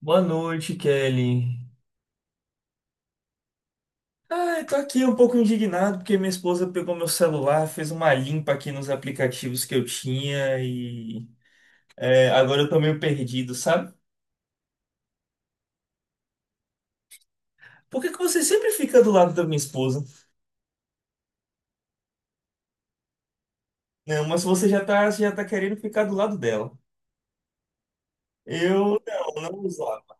Boa noite, Kelly. Ah, eu tô aqui um pouco indignado porque minha esposa pegou meu celular, fez uma limpa aqui nos aplicativos que eu tinha e agora eu tô meio perdido, sabe? Por que que você sempre fica do lado da minha esposa? Não, mas você já tá, querendo ficar do lado dela. Eu não, não usava.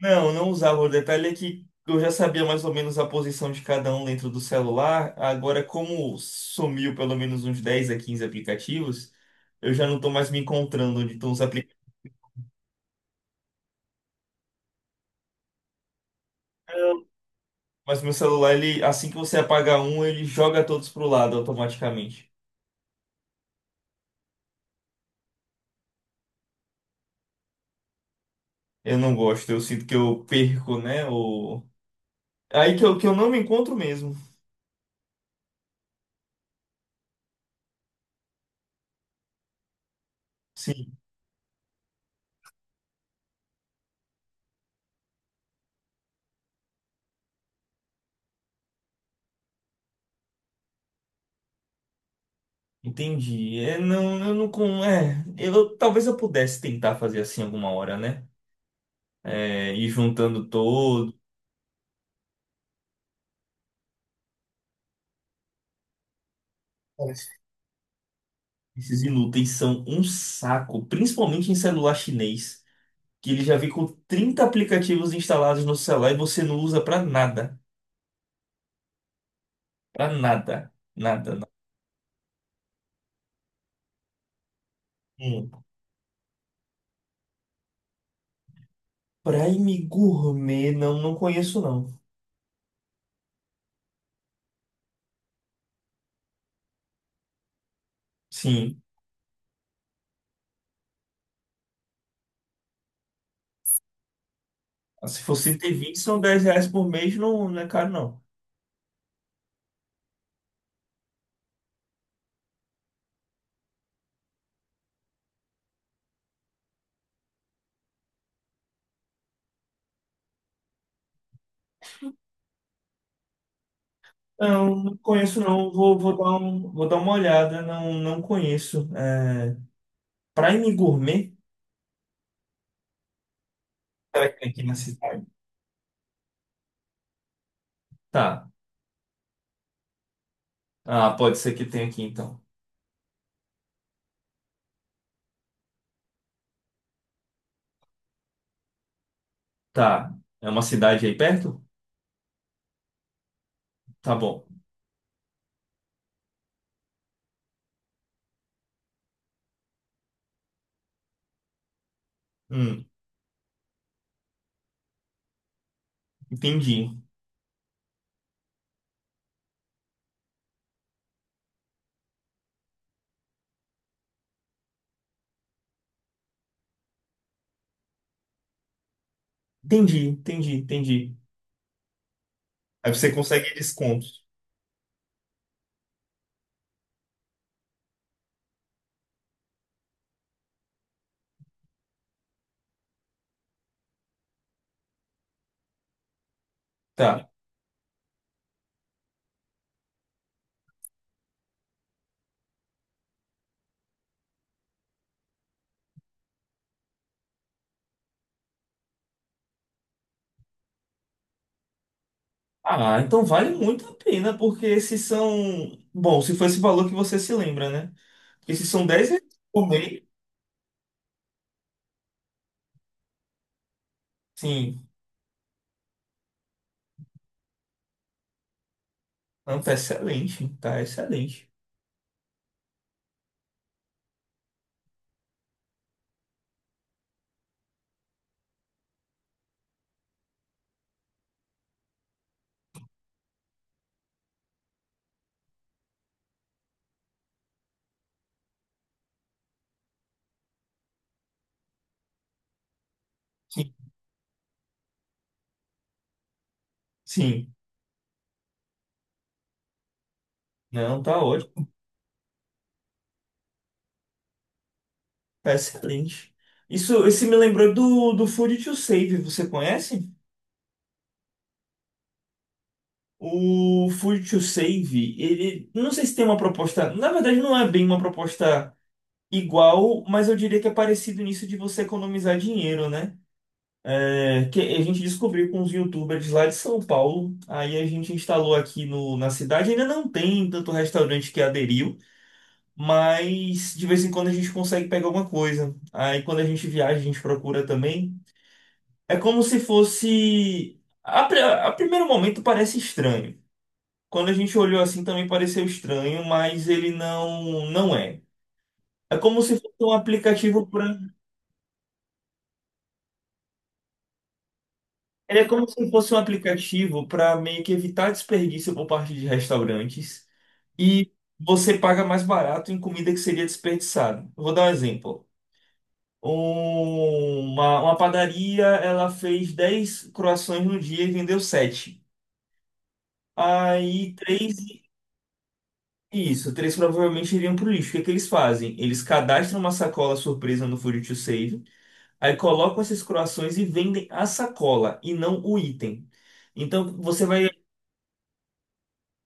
Não, não usava. O detalhe é que eu já sabia mais ou menos a posição de cada um dentro do celular. Agora, como sumiu pelo menos uns 10 a 15 aplicativos, eu já não tô mais me encontrando onde estão os aplicativos. Mas meu celular, ele, assim que você apaga um, ele joga todos pro lado automaticamente. Eu não gosto, eu sinto que eu perco, né? Aí que eu, não me encontro mesmo. Sim, entendi. Não, eu não com. É, eu, talvez eu pudesse tentar fazer assim alguma hora, né? Ir juntando todos. Esses inúteis são um saco, principalmente em celular chinês, que ele já vem com 30 aplicativos instalados no celular e você não usa pra nada. Pra nada. Nada, nada. Prime Gourmet, não, não conheço não. Sim, se fosse ter 20 são R$ 10 por mês, não, não é caro não. Não, não conheço não, vou dar uma olhada, não, não conheço. Prime Gourmet? Será que tem aqui na cidade? Tá, ah, pode ser que tenha aqui então. Tá, é uma cidade aí perto? Tá bom. Hum, entendi, entendi, entendi, entendi. Aí você consegue descontos. Tá. Ah, então vale muito a pena, porque esses são. Bom, se foi esse valor que você se lembra, né? Esses são R$ 10 por mês. Sim. Não, tá excelente. Tá excelente. Sim. Sim. Não, tá ótimo. Tá excelente. Isso, esse me lembrou do, Food to Save. Você conhece? O Food to Save, ele. Não sei se tem uma proposta. Na verdade, não é bem uma proposta igual, mas eu diria que é parecido nisso de você economizar dinheiro, né? Que a gente descobriu com os youtubers lá de São Paulo. Aí a gente instalou aqui na cidade. Ainda não tem tanto restaurante que aderiu, mas de vez em quando a gente consegue pegar alguma coisa. Aí quando a gente viaja, a gente procura também. É como se fosse. A primeiro momento parece estranho. Quando a gente olhou assim também pareceu estranho, mas ele não é. É como se fosse um aplicativo para. Ele é como se fosse um aplicativo para meio que evitar desperdício por parte de restaurantes e você paga mais barato em comida que seria desperdiçada. Eu vou dar um exemplo. Uma padaria, ela fez 10 croações no dia e vendeu sete. Aí, três. Isso, três provavelmente iriam pro lixo. O que que eles fazem? Eles cadastram uma sacola surpresa no Food to Save, aí colocam essas croações e vendem a sacola e não o item. Então,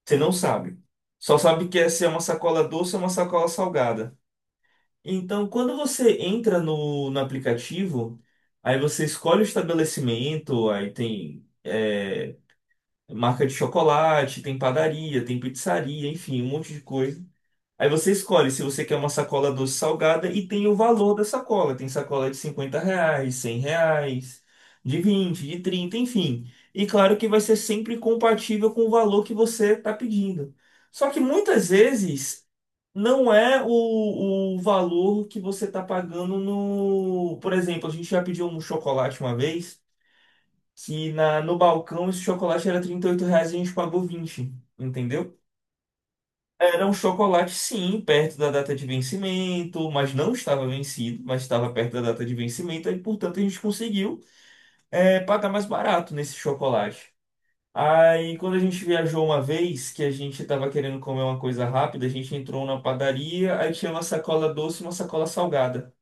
você não sabe. Só sabe que essa é uma sacola doce ou uma sacola salgada. Então, quando você entra no aplicativo, aí você escolhe o estabelecimento, aí tem marca de chocolate, tem padaria, tem pizzaria, enfim, um monte de coisa. Aí você escolhe se você quer uma sacola doce salgada e tem o valor da sacola. Tem sacola de R$ 50, R$ 100, de 20, de 30, enfim. E claro que vai ser sempre compatível com o valor que você está pedindo. Só que muitas vezes não é o valor que você está pagando no. Por exemplo, a gente já pediu um chocolate uma vez, que no balcão esse chocolate era R$ 38 e a gente pagou 20, entendeu? Era um chocolate, sim, perto da data de vencimento, mas não estava vencido, mas estava perto da data de vencimento, e portanto a gente conseguiu pagar mais barato nesse chocolate. Aí, quando a gente viajou uma vez, que a gente tava querendo comer uma coisa rápida, a gente entrou na padaria, aí tinha uma sacola doce e uma sacola salgada.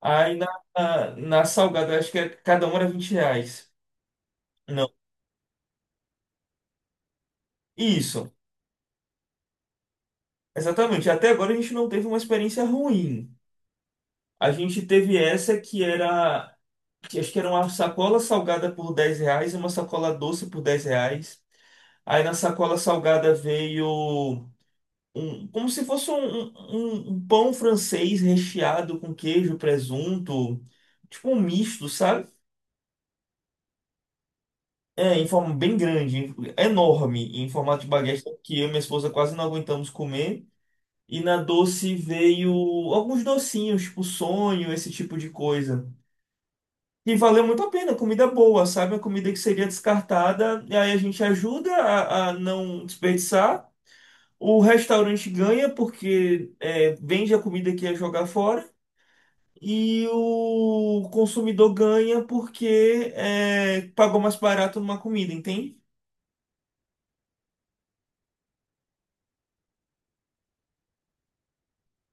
Aí na salgada, acho que cada uma era R$ 20. Não. Isso, exatamente. Até agora a gente não teve uma experiência ruim. A gente teve essa que era, que acho que era uma sacola salgada por R$ 10 e uma sacola doce por R$ 10. Aí na sacola salgada veio um- como se fosse um, um- um um pão francês recheado com queijo, presunto, tipo um misto, sabe? Em forma bem grande, enorme, em formato de baguete, que eu e minha esposa quase não aguentamos comer. E na doce veio alguns docinhos, tipo sonho, esse tipo de coisa. E valeu muito a pena, comida boa, sabe? A comida que seria descartada, e aí a gente ajuda a não desperdiçar. O restaurante ganha porque vende a comida que ia jogar fora. E o consumidor ganha porque pagou mais barato numa comida, entende?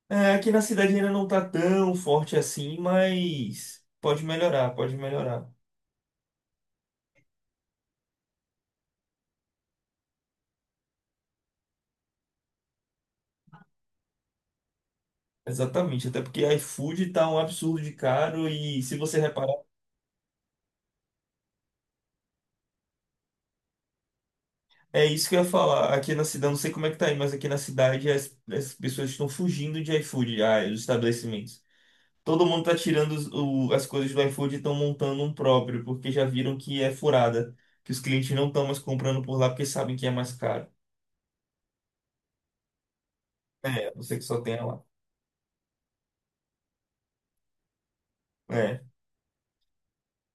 Aqui na cidade ainda não tá tão forte assim, mas pode melhorar, pode melhorar. Exatamente, até porque iFood tá um absurdo de caro e se você reparar, é isso que eu ia falar. Aqui na cidade, não sei como é que tá aí, mas aqui na cidade as pessoas estão fugindo de iFood, os estabelecimentos. Todo mundo tá tirando as coisas do iFood e estão montando um próprio, porque já viram que é furada, que os clientes não estão mais comprando por lá porque sabem que é mais caro. É, você que só tem lá. É.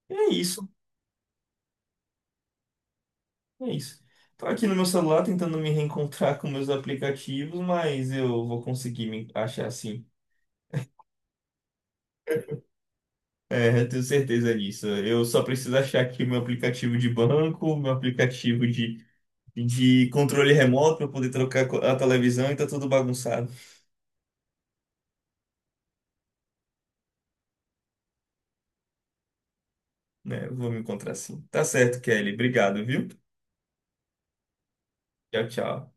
É isso, é isso. Tô aqui no meu celular tentando me reencontrar com meus aplicativos, mas eu vou conseguir me achar assim. É, eu tenho certeza disso. Eu só preciso achar aqui meu aplicativo de banco, meu aplicativo de controle remoto para poder trocar a televisão e tá tudo bagunçado. Né? Eu vou me encontrar assim. Tá certo, Kelly. Obrigado, viu? Tchau, tchau.